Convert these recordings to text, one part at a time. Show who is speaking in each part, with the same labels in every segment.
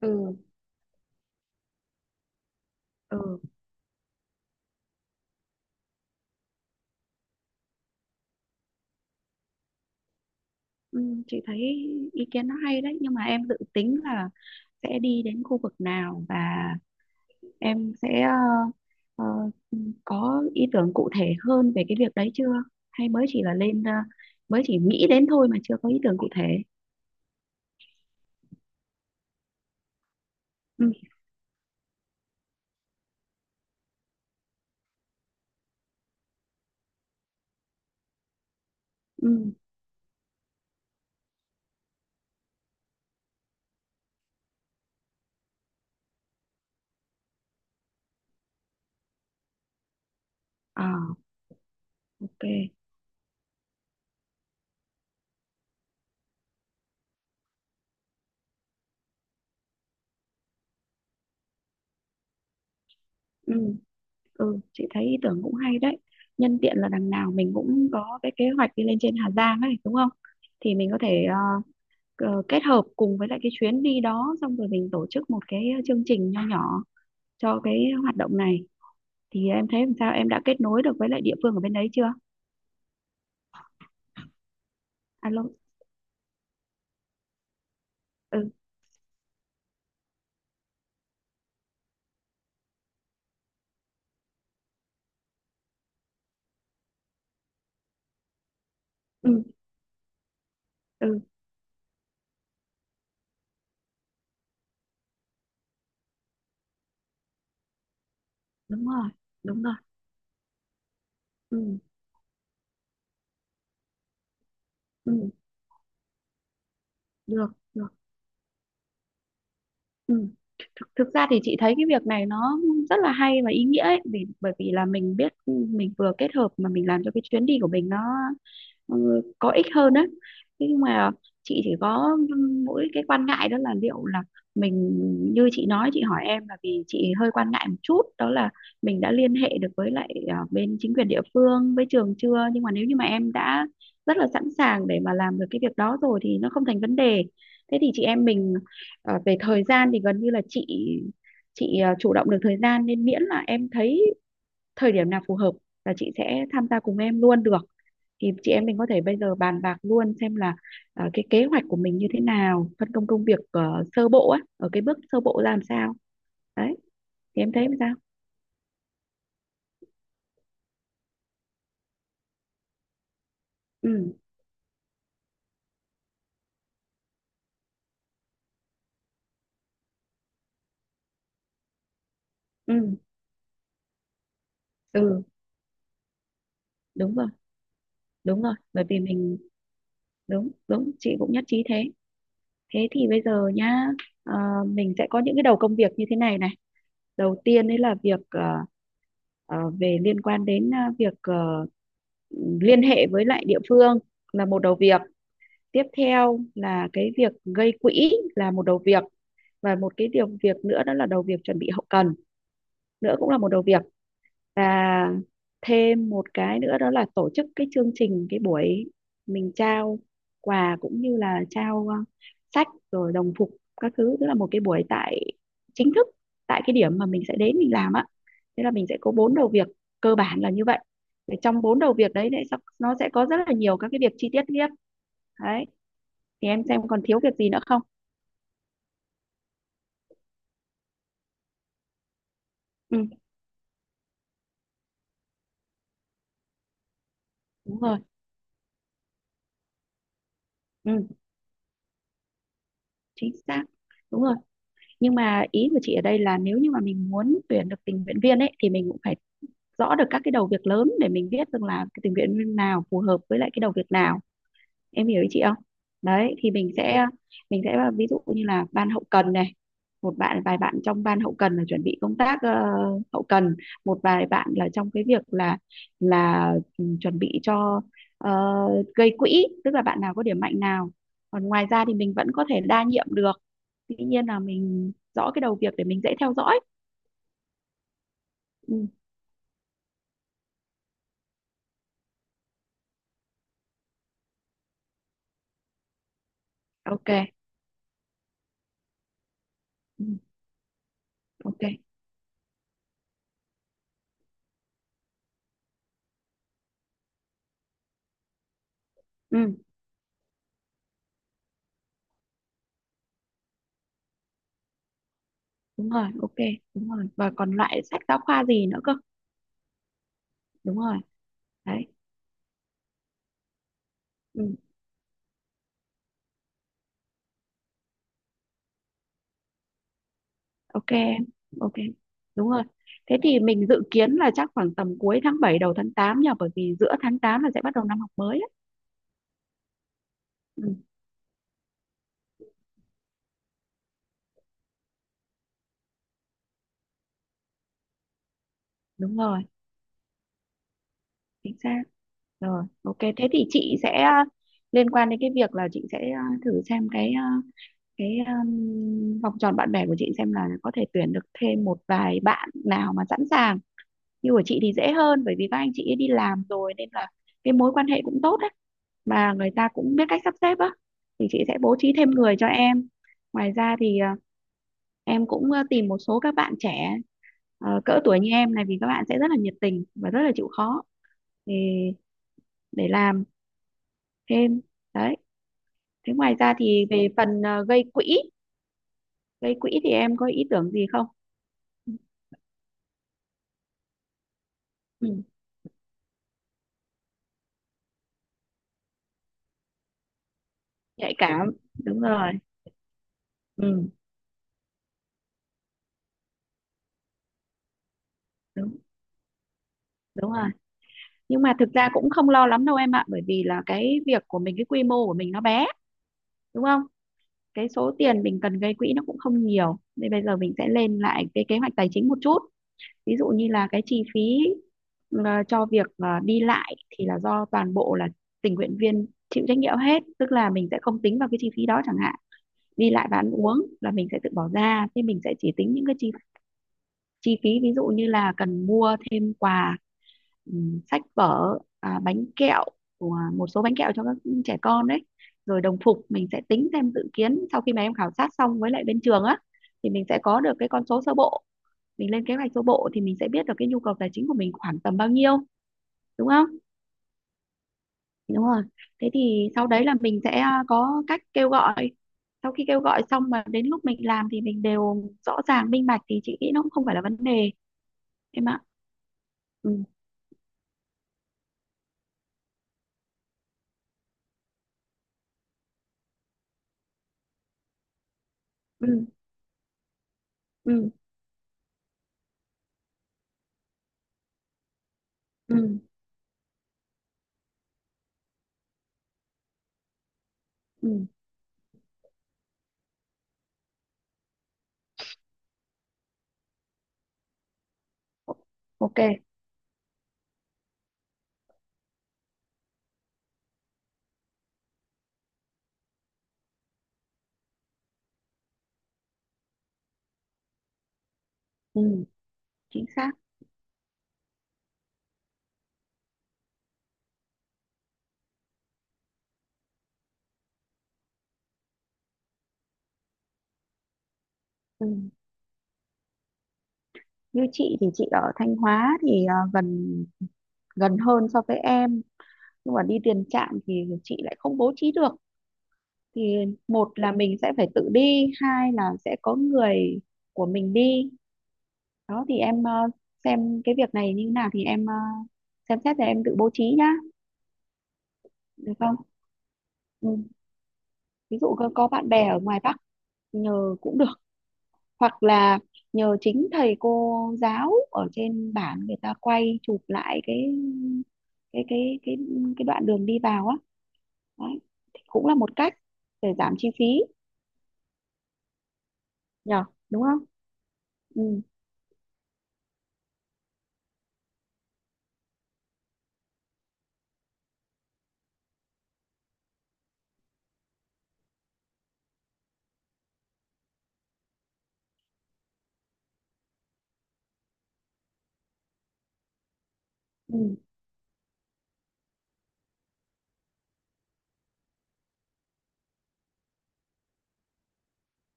Speaker 1: ừ ừ ừ, cái ý kiến nó hay đấy, nhưng mà em dự tính là sẽ đi đến khu vực nào và em sẽ ờ, có ý tưởng cụ thể hơn về cái việc đấy chưa, hay mới chỉ là lên mới chỉ nghĩ đến thôi mà chưa có ý tưởng cụ thể? Ừ. Ừ. À, ok. Ừ, ừ, chị thấy ý tưởng cũng hay đấy. Nhân tiện là đằng nào mình cũng có cái kế hoạch đi lên trên Hà Giang ấy, đúng không? Thì mình có thể kết hợp cùng với lại cái chuyến đi đó, xong rồi mình tổ chức một cái chương trình nho nhỏ cho cái hoạt động này. Thì em thấy làm sao, em đã kết nối được với lại địa phương ở bên đấy chưa? Alo. Ừ. Ừ. Ừ. Đúng rồi. Đúng rồi. Ừ. Ừ. Được, được. Ừ, thực ra thì chị thấy cái việc này nó rất là hay và ý nghĩa ấy, vì bởi vì là mình biết, ừ, mình vừa kết hợp mà mình làm cho cái chuyến đi của mình nó ờ, có ích hơn á. Thế nhưng mà chị chỉ có mỗi cái quan ngại đó là liệu là mình, như chị nói chị hỏi em là vì chị hơi quan ngại một chút, đó là mình đã liên hệ được với lại bên chính quyền địa phương với trường chưa. Nhưng mà nếu như mà em đã rất là sẵn sàng để mà làm được cái việc đó rồi thì nó không thành vấn đề. Thế thì chị em mình, về thời gian thì gần như là chị chủ động được thời gian, nên miễn là em thấy thời điểm nào phù hợp là chị sẽ tham gia cùng em luôn được. Thì chị em mình có thể bây giờ bàn bạc luôn xem là, à, cái kế hoạch của mình như thế nào, phân công công việc sơ bộ á, ở cái bước sơ bộ ra làm sao, đấy, thì em thấy sao? Ừ. Ừ. Ừ, đúng rồi. Đúng rồi, bởi vì mình, đúng, đúng, chị cũng nhất trí thế. Thế thì bây giờ nhá, ờ, mình sẽ có những cái đầu công việc như thế này này. Đầu tiên đấy là việc ờ, ờ, về liên quan đến việc liên hệ với lại địa phương là một đầu việc. Tiếp theo là cái việc gây quỹ là một đầu việc. Và một cái điều việc nữa đó là đầu việc chuẩn bị hậu cần nữa cũng là một đầu việc. Và thêm một cái nữa đó là tổ chức cái chương trình, cái buổi mình trao quà cũng như là trao sách rồi đồng phục các thứ, tức là một cái buổi tại chính thức tại cái điểm mà mình sẽ đến mình làm á. Thế là mình sẽ có bốn đầu việc cơ bản là như vậy. Để trong bốn đầu việc đấy thì nó sẽ có rất là nhiều các cái việc chi tiết tiếp, đấy, thì em xem còn thiếu việc gì nữa không? Ừ, đúng rồi. Ừ, chính xác. Đúng rồi. Nhưng mà ý của chị ở đây là nếu như mà mình muốn tuyển được tình nguyện viên ấy thì mình cũng phải rõ được các cái đầu việc lớn để mình biết rằng là cái tình nguyện viên nào phù hợp với lại cái đầu việc nào, em hiểu ý chị không? Đấy thì mình sẽ ví dụ như là ban hậu cần này, một bạn, vài bạn trong ban hậu cần là chuẩn bị công tác hậu cần, một vài bạn là trong cái việc là ừ, chuẩn bị cho ờ, gây quỹ, tức là bạn nào có điểm mạnh nào. Còn ngoài ra thì mình vẫn có thể đa nhiệm được, tuy nhiên là mình rõ cái đầu việc để mình dễ theo dõi. Ừ, ok. Ừ, ok. Ừ, đúng rồi. Ok, đúng rồi, và còn loại sách giáo khoa gì nữa cơ. Đúng rồi, đấy. Ừ. Ok em, ok. Đúng rồi. Thế thì mình dự kiến là chắc khoảng tầm cuối tháng 7 đầu tháng 8 nhờ, bởi vì giữa tháng 8 là sẽ bắt đầu năm học mới á. Ừ, đúng rồi. Chính xác. Rồi, ok, thế thì chị sẽ liên quan đến cái việc là chị sẽ thử xem cái cái vòng tròn bạn bè của chị xem là có thể tuyển được thêm một vài bạn nào mà sẵn sàng. Như của chị thì dễ hơn bởi vì các anh chị ấy đi làm rồi nên là cái mối quan hệ cũng tốt đấy, mà người ta cũng biết cách sắp xếp á, thì chị sẽ bố trí thêm người cho em. Ngoài ra thì à, em cũng tìm một số các bạn trẻ cỡ tuổi như em này, vì các bạn sẽ rất là nhiệt tình và rất là chịu khó, thì để làm thêm, đấy. Thế ngoài ra thì về phần gây quỹ thì em có ý tưởng gì không? Ừ, nhạy cảm, đúng rồi. Ừ, đúng, đúng rồi. Nhưng mà thực ra cũng không lo lắm đâu em ạ, bởi vì là cái việc của mình, cái quy mô của mình nó bé, đúng không? Cái số tiền mình cần gây quỹ nó cũng không nhiều, nên bây giờ mình sẽ lên lại cái kế hoạch tài chính một chút. Ví dụ như là cái chi phí cho việc đi lại thì là do toàn bộ là tình nguyện viên chịu trách nhiệm hết, tức là mình sẽ không tính vào cái chi phí đó chẳng hạn. Đi lại và ăn uống là mình sẽ tự bỏ ra, thế mình sẽ chỉ tính những cái chi chi phí ví dụ như là cần mua thêm quà, sách vở, à, bánh kẹo, của một số bánh kẹo cho các trẻ con, đấy, rồi đồng phục mình sẽ tính thêm dự kiến sau khi mà em khảo sát xong với lại bên trường á, thì mình sẽ có được cái con số sơ bộ. Mình lên kế hoạch sơ bộ thì mình sẽ biết được cái nhu cầu tài chính của mình khoảng tầm bao nhiêu, đúng không? Đúng rồi. Thế thì sau đấy là mình sẽ à, có cách kêu gọi. Sau khi kêu gọi xong mà đến lúc mình làm thì mình đều rõ ràng minh bạch thì chị nghĩ nó cũng không phải là vấn đề em ạ. Ừ. Ừ. Ừ. Ừ. Ừ. Ok. Ừ, chính xác. Ừ. Như chị thì chị ở Thanh Hóa thì à, gần, gần hơn so với em, nhưng mà đi tiền trạm thì chị lại không bố trí được. Thì một là mình sẽ phải tự đi, hai là sẽ có người của mình đi. Đó thì em xem cái việc này như thế nào thì em xem xét rồi em tự bố trí nhá, được không? Ừ. Ví dụ có bạn bè ở ngoài Bắc nhờ cũng được, hoặc là nhờ chính thầy cô giáo ở trên bản người ta quay chụp lại cái cái đoạn đường đi vào á, đấy, thì cũng là một cách để giảm chi phí nhờ, đúng không? Ừ. Ừ,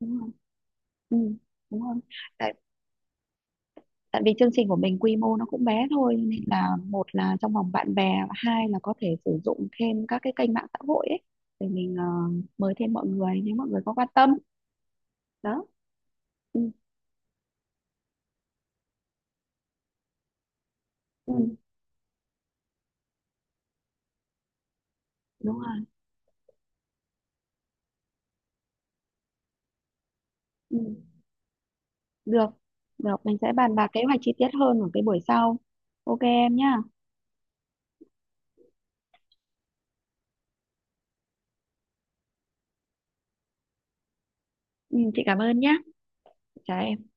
Speaker 1: đúng rồi. Ừ, đúng rồi. Tại tại vì chương trình của mình quy mô nó cũng bé thôi, nên là một là trong vòng bạn bè, và hai là có thể sử dụng thêm các cái kênh mạng xã hội ấy để mình mời thêm mọi người nếu mọi người có quan tâm. Đó. Ừ. Ừ, đúng rồi. Ừ. Được, được, mình sẽ bàn bạc kế hoạch chi tiết hơn ở cái buổi sau. Ok em nhá. Ừ, chị cảm ơn nhá. Chào em.